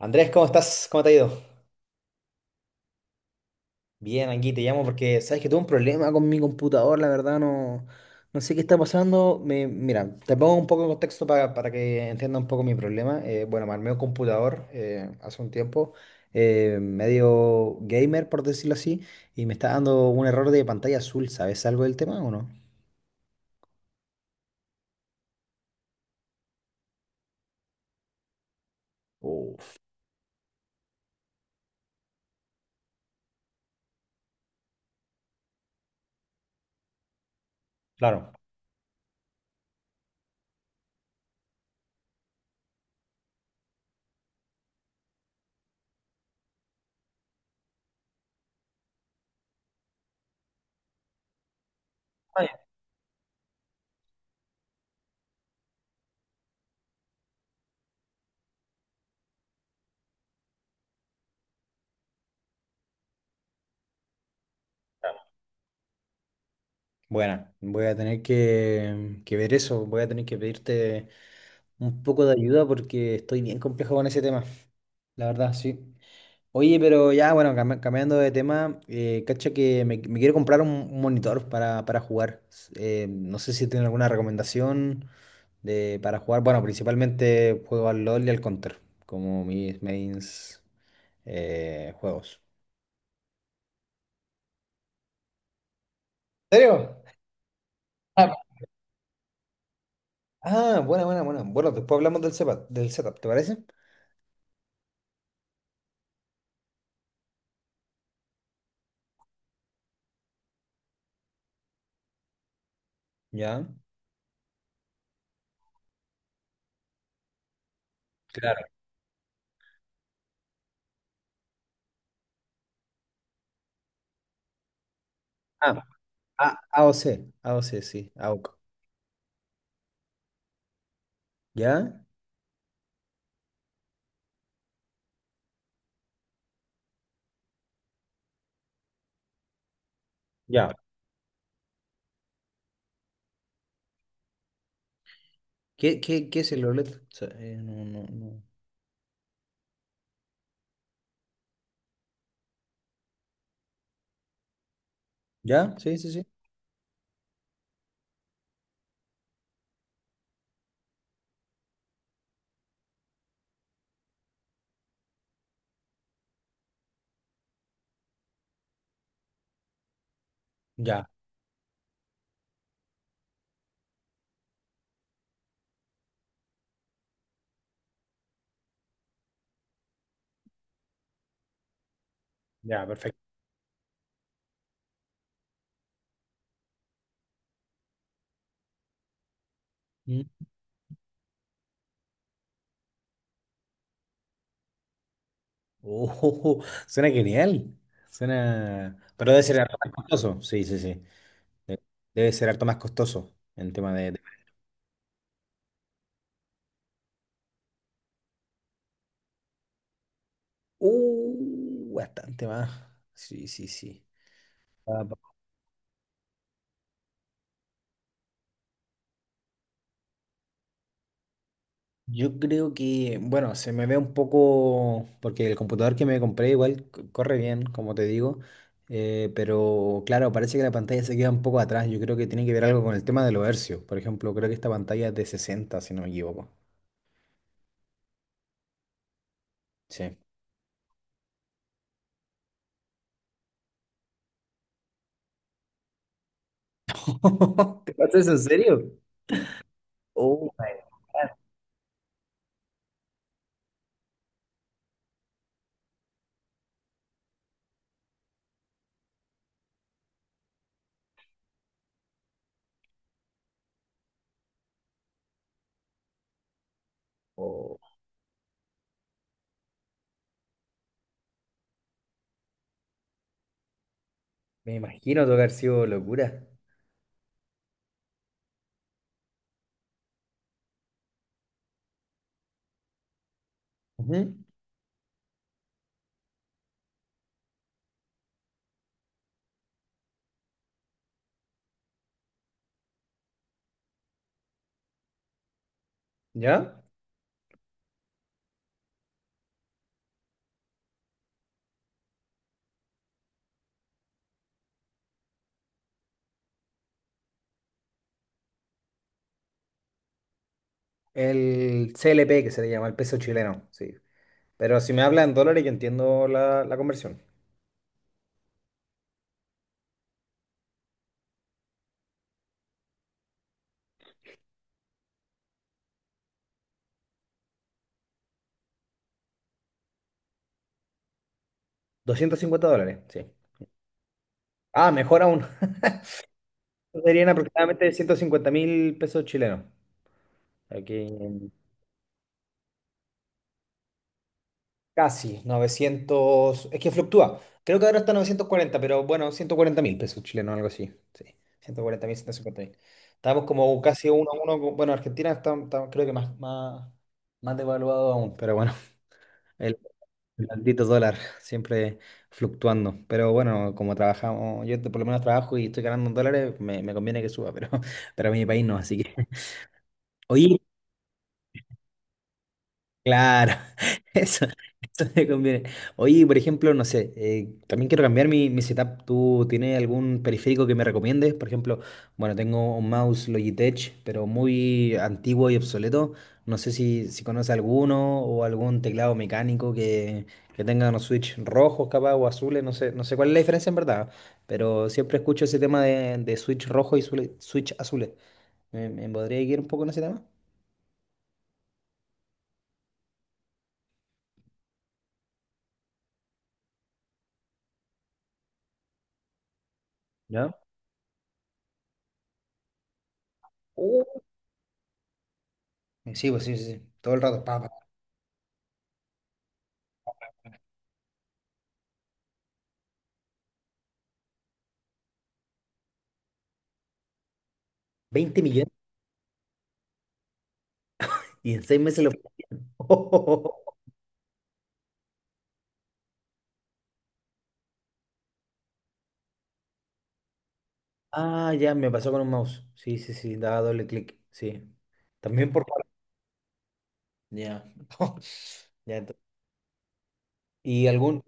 Andrés, ¿cómo estás? ¿Cómo te ha ido? Bien, aquí te llamo porque sabes que tuve un problema con mi computador, la verdad no sé qué está pasando. Mira, te pongo un poco en contexto para que entienda un poco mi problema. Bueno, me armé un computador hace un tiempo, medio gamer, por decirlo así, y me está dando un error de pantalla azul. ¿Sabes algo del tema o no? Uf. Claro. Ah, ya. Bueno, voy a tener que ver eso, voy a tener que pedirte un poco de ayuda porque estoy bien complejo con ese tema, la verdad, sí. Oye, pero ya, bueno, cambiando de tema, cacha que me quiero comprar un monitor para jugar. No sé si tienen alguna recomendación de, para jugar. Bueno, principalmente juego al LOL y al Counter, como mis mains juegos. ¿En serio? Ah, Ah, buena. Bueno, después hablamos del setup, ¿te parece? Ya. Claro. Ah, A- AOC, AOC, sí, AOC. ¿Ya? Ya. Qué es el OLED? O sea, no. ¿Ya? Sí, sí, sí. Ya, ya, perfecto. Mm. Oh, suena genial. Suena. Pero debe ser harto más costoso. Sí, sí, sí. De- debe ser harto más costoso en tema de. De- bastante más. Sí, sí, sí. Yo creo que, bueno, se me ve un poco, porque el computador que me compré igual c- corre bien, como te digo, pero claro, parece que la pantalla se queda un poco atrás. Yo creo que tiene que ver algo con el tema de los hercios. Por ejemplo, creo que esta pantalla es de 60, si no me equivoco. Sí. ¿Te pasa eso en serio? Oh my God. Me imagino tocar sido locura. Ujú. ¿Ya? El CLP que se le llama, el peso chileno, sí. Pero si me habla en dólares, yo entiendo la conversión. $250, sí. Ah, mejor aún. Serían aproximadamente 150.000 pesos chilenos. Aquí en- casi 900. Es que fluctúa. Creo que ahora está 940, pero bueno, 140.000 pesos chilenos, algo así. Sí, 140.000, 150.000. Estamos como casi uno a uno. Con- Bueno, Argentina está, está- creo que más devaluado aún, pero bueno, el, el maldito dólar siempre fluctuando. Pero bueno, como trabajamos, yo por lo menos trabajo y estoy ganando en dólares, me conviene que suba, pero, pero a mi país no, así que. Oye. Claro. eso, Eso me conviene. Oye, por ejemplo, no sé, también quiero cambiar mi setup. ¿Tú tienes algún periférico que me recomiendes? Por ejemplo, bueno, tengo un mouse Logitech, pero muy antiguo y obsoleto. No sé si conoces alguno o algún teclado mecánico que tenga unos switch rojos capaz o azules. No sé, no sé cuál es la diferencia en verdad, pero siempre escucho ese tema de switch rojo y switch azules. Me podría guiar un poco en ese tema? ¿Ya? Sí, pues sí, sí, sí, todo el rato. Pa, pa, pa. 20 millones y en 6 meses lo... Ah, ya, me pasó con un mouse. Sí, sí, sí, daba doble clic. Sí. También por... Ya. Ya, ento- ¿y algún?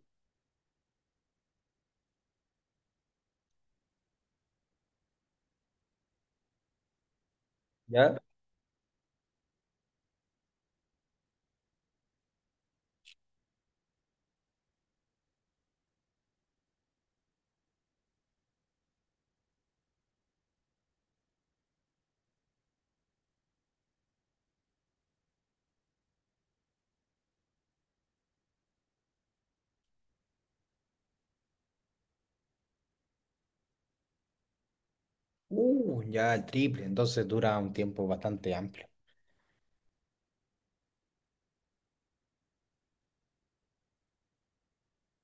Ya. Ya el triple, entonces dura un tiempo bastante amplio.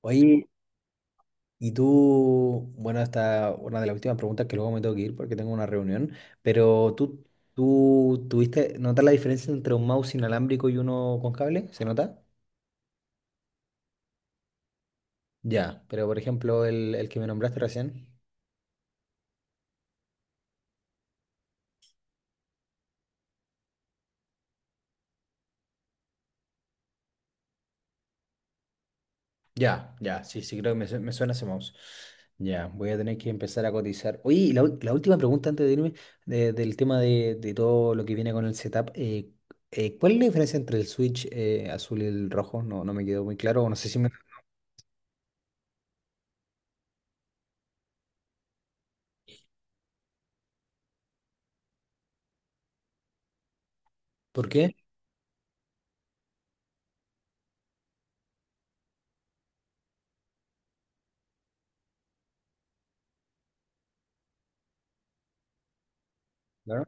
Oye, y tú, bueno, esta una de las últimas preguntas que luego me tengo que ir porque tengo una reunión, pero tú tuviste, ¿notas la diferencia entre un mouse inalámbrico y uno con cable? ¿Se nota? Ya, pero por ejemplo, el que me nombraste recién. Ya, ya, sí, sí, creo que me suena ese mouse. Ya, voy a tener que empezar a cotizar. Oye, y la, ul- la última pregunta antes de irme del tema de todo lo que viene con el setup. ¿Cuál es la diferencia entre el switch azul y el rojo? No, no me quedó muy claro, o no sé si me... ¿Por qué? Claro.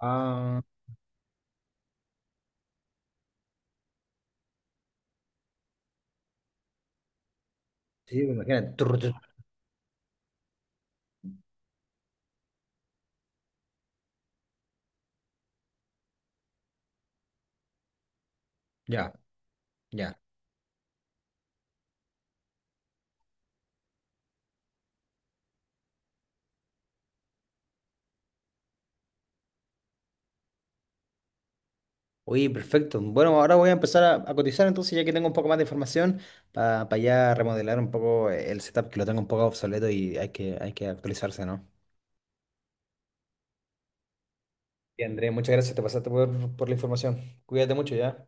Ah, sí, imagínate. Turr, turr. Ya, ya. Oye, perfecto. Bueno, ahora voy a empezar a cotizar entonces, ya que tengo un poco más de información, para ya remodelar un poco el setup, que lo tengo un poco obsoleto y hay que actualizarse, ¿no? Y André, muchas gracias, te pasaste por la información. Cuídate mucho, ¿ya?